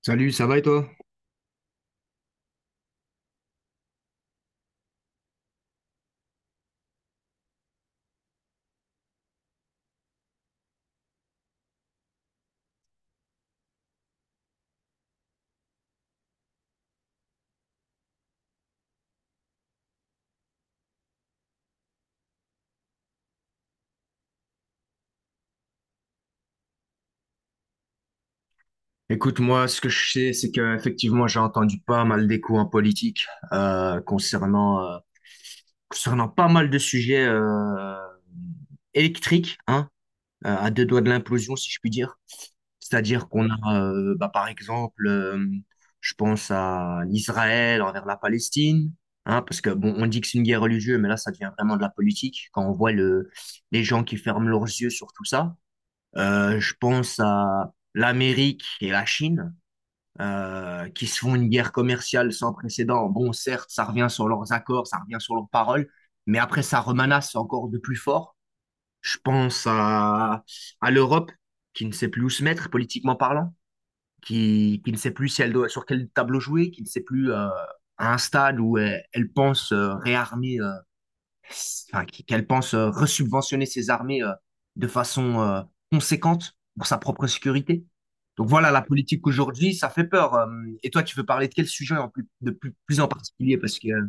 Salut, ça va et toi? Écoute, moi, ce que je sais, c'est qu'effectivement, j'ai entendu pas mal d'échos en politique concernant concernant pas mal de sujets électriques, hein, à deux doigts de l'implosion, si je puis dire. C'est-à-dire qu'on a, bah, par exemple, je pense à l'Israël envers la Palestine, hein, parce que bon, on dit que c'est une guerre religieuse, mais là, ça devient vraiment de la politique quand on voit le les gens qui ferment leurs yeux sur tout ça. Je pense à l'Amérique et la Chine qui se font une guerre commerciale sans précédent. Bon, certes, ça revient sur leurs accords, ça revient sur leurs paroles, mais après, ça remanasse encore de plus fort. Je pense à l'Europe, qui ne sait plus où se mettre politiquement parlant, qui ne sait plus si elle doit, sur quel tableau jouer, qui ne sait plus à un stade où elle, elle pense réarmer enfin, qu'elle pense resubventionner ses armées de façon conséquente pour sa propre sécurité. Donc voilà, la politique aujourd'hui, ça fait peur. Et toi, tu veux parler de quel sujet en plus, de plus, plus en particulier? Parce que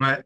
ouais,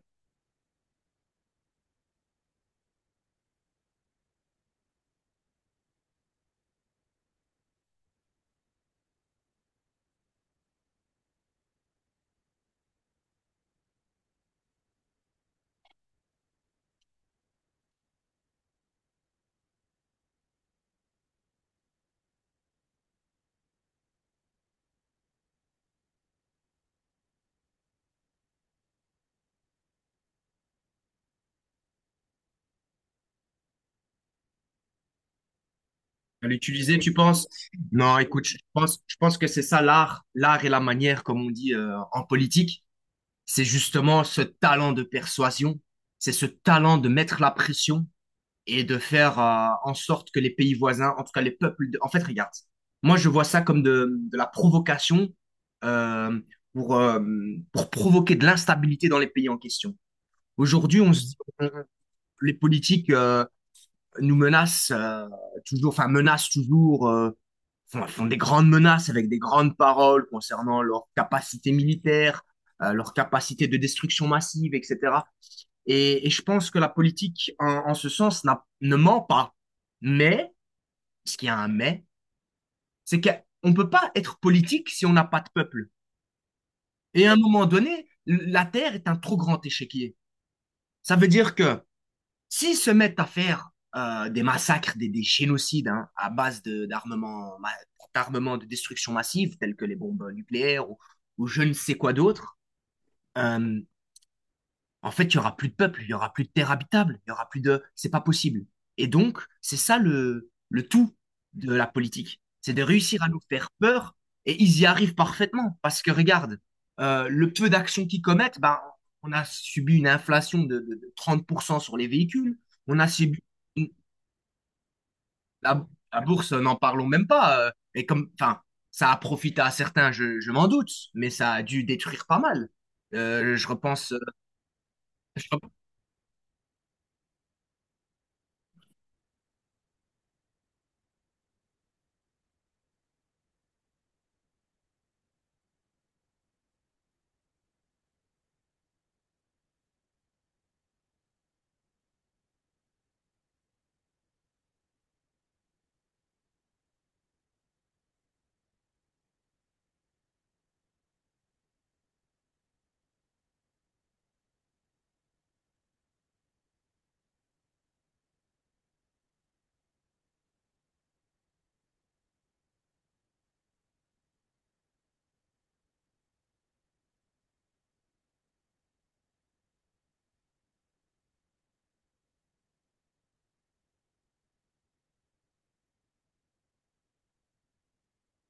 à l'utiliser, tu penses? Non, écoute, je pense que c'est ça l'art, l'art et la manière, comme on dit en politique, c'est justement ce talent de persuasion, c'est ce talent de mettre la pression, et de faire en sorte que les pays voisins, en tout cas les peuples, de- en fait, regarde, moi je vois ça comme de la provocation euh, pour, euh, pour provoquer de l'instabilité dans les pays en question. Aujourd'hui, on se dit, on- les politiques nous menacent toujours, enfin menacent toujours, font, font des grandes menaces avec des grandes paroles concernant leur capacité militaire, leur capacité de destruction massive, etc. Et je pense que la politique, en, en ce sens, n'a- ne ment pas. Mais, parce qu'il y a un mais, c'est qu'on ne peut pas être politique si on n'a pas de peuple. Et à un moment donné, la Terre est un trop grand échiquier. Ça veut dire que s'ils se mettent à faire des massacres, des génocides hein, à base de- d'armements, d'armements de destruction massive, tels que les bombes nucléaires ou je ne sais quoi d'autre, euh, En fait, il y aura plus de peuple, il y aura plus de terre habitable, il y aura plus de. C'est pas possible. Et donc, c'est ça le tout de la politique. C'est de réussir à nous faire peur et ils y arrivent parfaitement. Parce que regarde, le peu d'actions qu'ils commettent, ben, on a subi une inflation de 30% sur les véhicules. On a subi une- la, la bourse, n'en parlons même pas. Et comme, enfin, ça a profité à certains, je m'en doute, mais ça a dû détruire pas mal. Je repense, je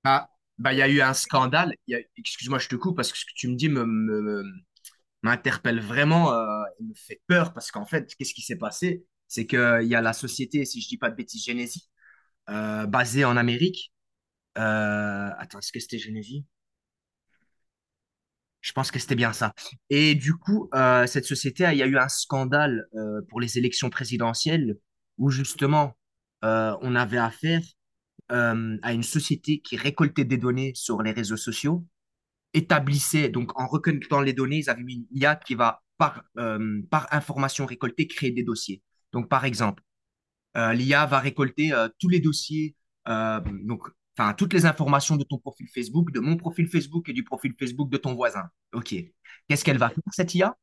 Ah, bah, il y a eu un scandale. Il y a- Excuse-moi, je te coupe parce que ce que tu me dis me, me- me- m'interpelle vraiment et me fait peur parce qu'en fait, qu'est-ce qui s'est passé? C'est qu'il y a la société, si je dis pas de bêtises, Genesis, basée en Amérique. Attends, est-ce que c'était Genesis? Je pense que c'était bien ça. Et du coup, cette société, il y a eu un scandale pour les élections présidentielles où justement, on avait affaire à une société qui récoltait des données sur les réseaux sociaux établissaient, donc en recueillant les données, ils avaient mis une IA qui va, par, par information récoltée, créer des dossiers. Donc, par exemple, l'IA va récolter tous les dossiers, donc, enfin, toutes les informations de ton profil Facebook, de mon profil Facebook et du profil Facebook de ton voisin. OK. Qu'est-ce qu'elle va faire, cette IA?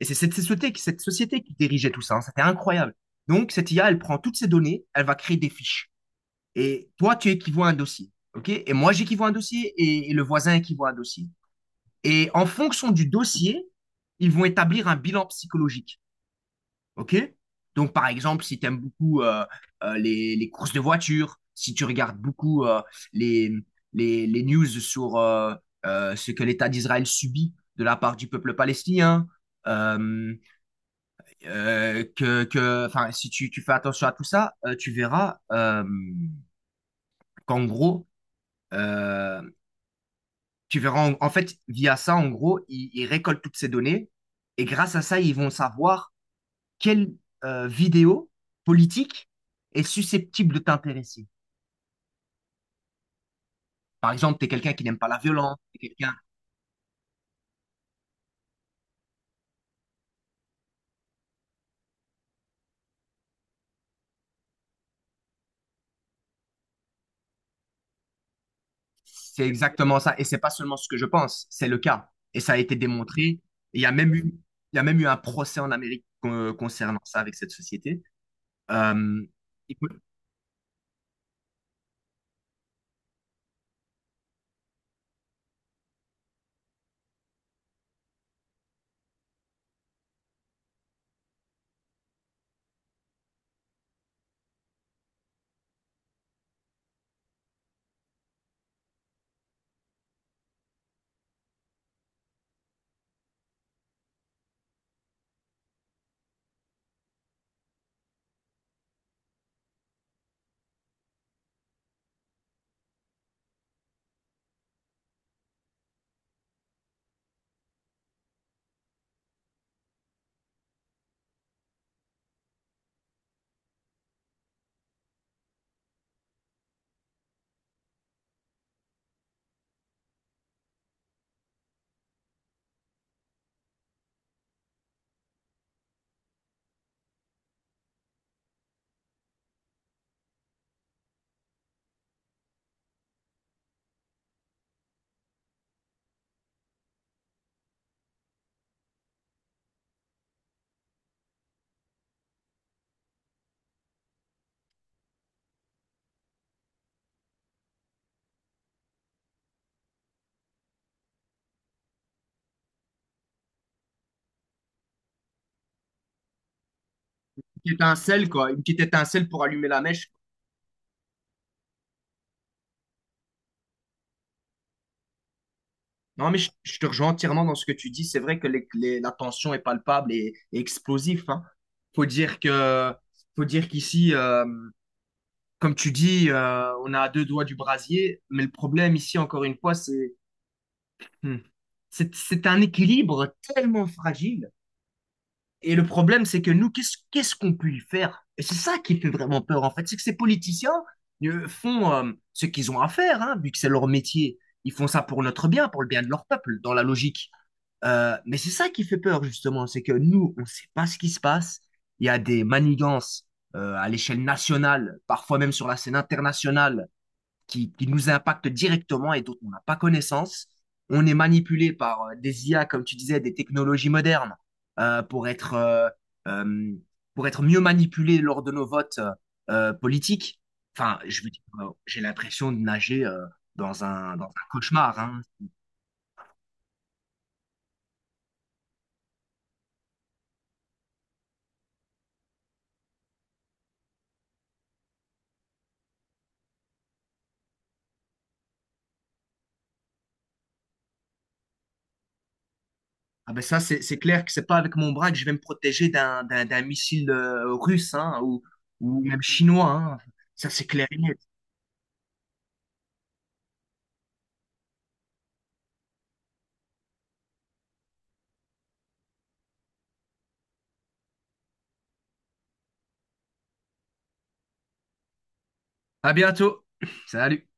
Et c'est cette société qui dirigeait tout ça. Hein. C'était incroyable. Donc, cette IA, elle prend toutes ces données, elle va créer des fiches. Et toi, tu équivois un dossier. OK? Et moi, j'équivois un dossier et le voisin équivoit un dossier. Et en fonction du dossier, ils vont établir un bilan psychologique. OK? Donc, par exemple, si tu aimes beaucoup les courses de voiture, si tu regardes beaucoup les, les news sur ce que l'État d'Israël subit de la part du peuple palestinien, euh, que, enfin, si tu, tu fais attention à tout ça, tu verras qu'en gros, euh, tu verras, en, en fait, via ça, en gros, ils récoltent toutes ces données et grâce à ça, ils vont savoir quelle vidéo politique est susceptible de t'intéresser. Par exemple, tu es quelqu'un qui n'aime pas la violence, t'es quelqu'un, c'est exactement ça. Et c'est pas seulement ce que je pense, c'est le cas. Et ça a été démontré. Il y a même eu, il y a même eu un procès en Amérique con- concernant ça avec cette société. Euh, il faut une petite étincelle, quoi, une petite étincelle pour allumer la mèche. Non, mais je te rejoins entièrement dans ce que tu dis. C'est vrai que les- la tension est palpable et explosive. Hein. Faut dire que, faut dire qu'ici, comme tu dis, on a à deux doigts du brasier. Mais le problème ici, encore une fois, c'est, hmm, c'est un équilibre tellement fragile. Et le problème, c'est que nous, qu'est-ce, qu'est-ce qu'on peut y faire? Et c'est ça qui fait vraiment peur, en fait. C'est que ces politiciens font ce qu'ils ont à faire, hein, vu que c'est leur métier. Ils font ça pour notre bien, pour le bien de leur peuple, dans la logique. Mais c'est ça qui fait peur, justement, c'est que nous, on ne sait pas ce qui se passe. Il y a des manigances à l'échelle nationale, parfois même sur la scène internationale, qui nous impactent directement et dont on n'a pas connaissance. On est manipulé par des IA, comme tu disais, des technologies modernes, euh, pour être, euh, euh, pour être mieux manipulé lors de nos votes politiques. Enfin, je veux dire, j'ai l'impression de nager dans un cauchemar, hein. Ah ben ça, c'est clair que c'est pas avec mon bras que je vais me protéger d'un missile russe hein, ou même chinois. Hein. Ça, c'est clair et net. À bientôt. Salut.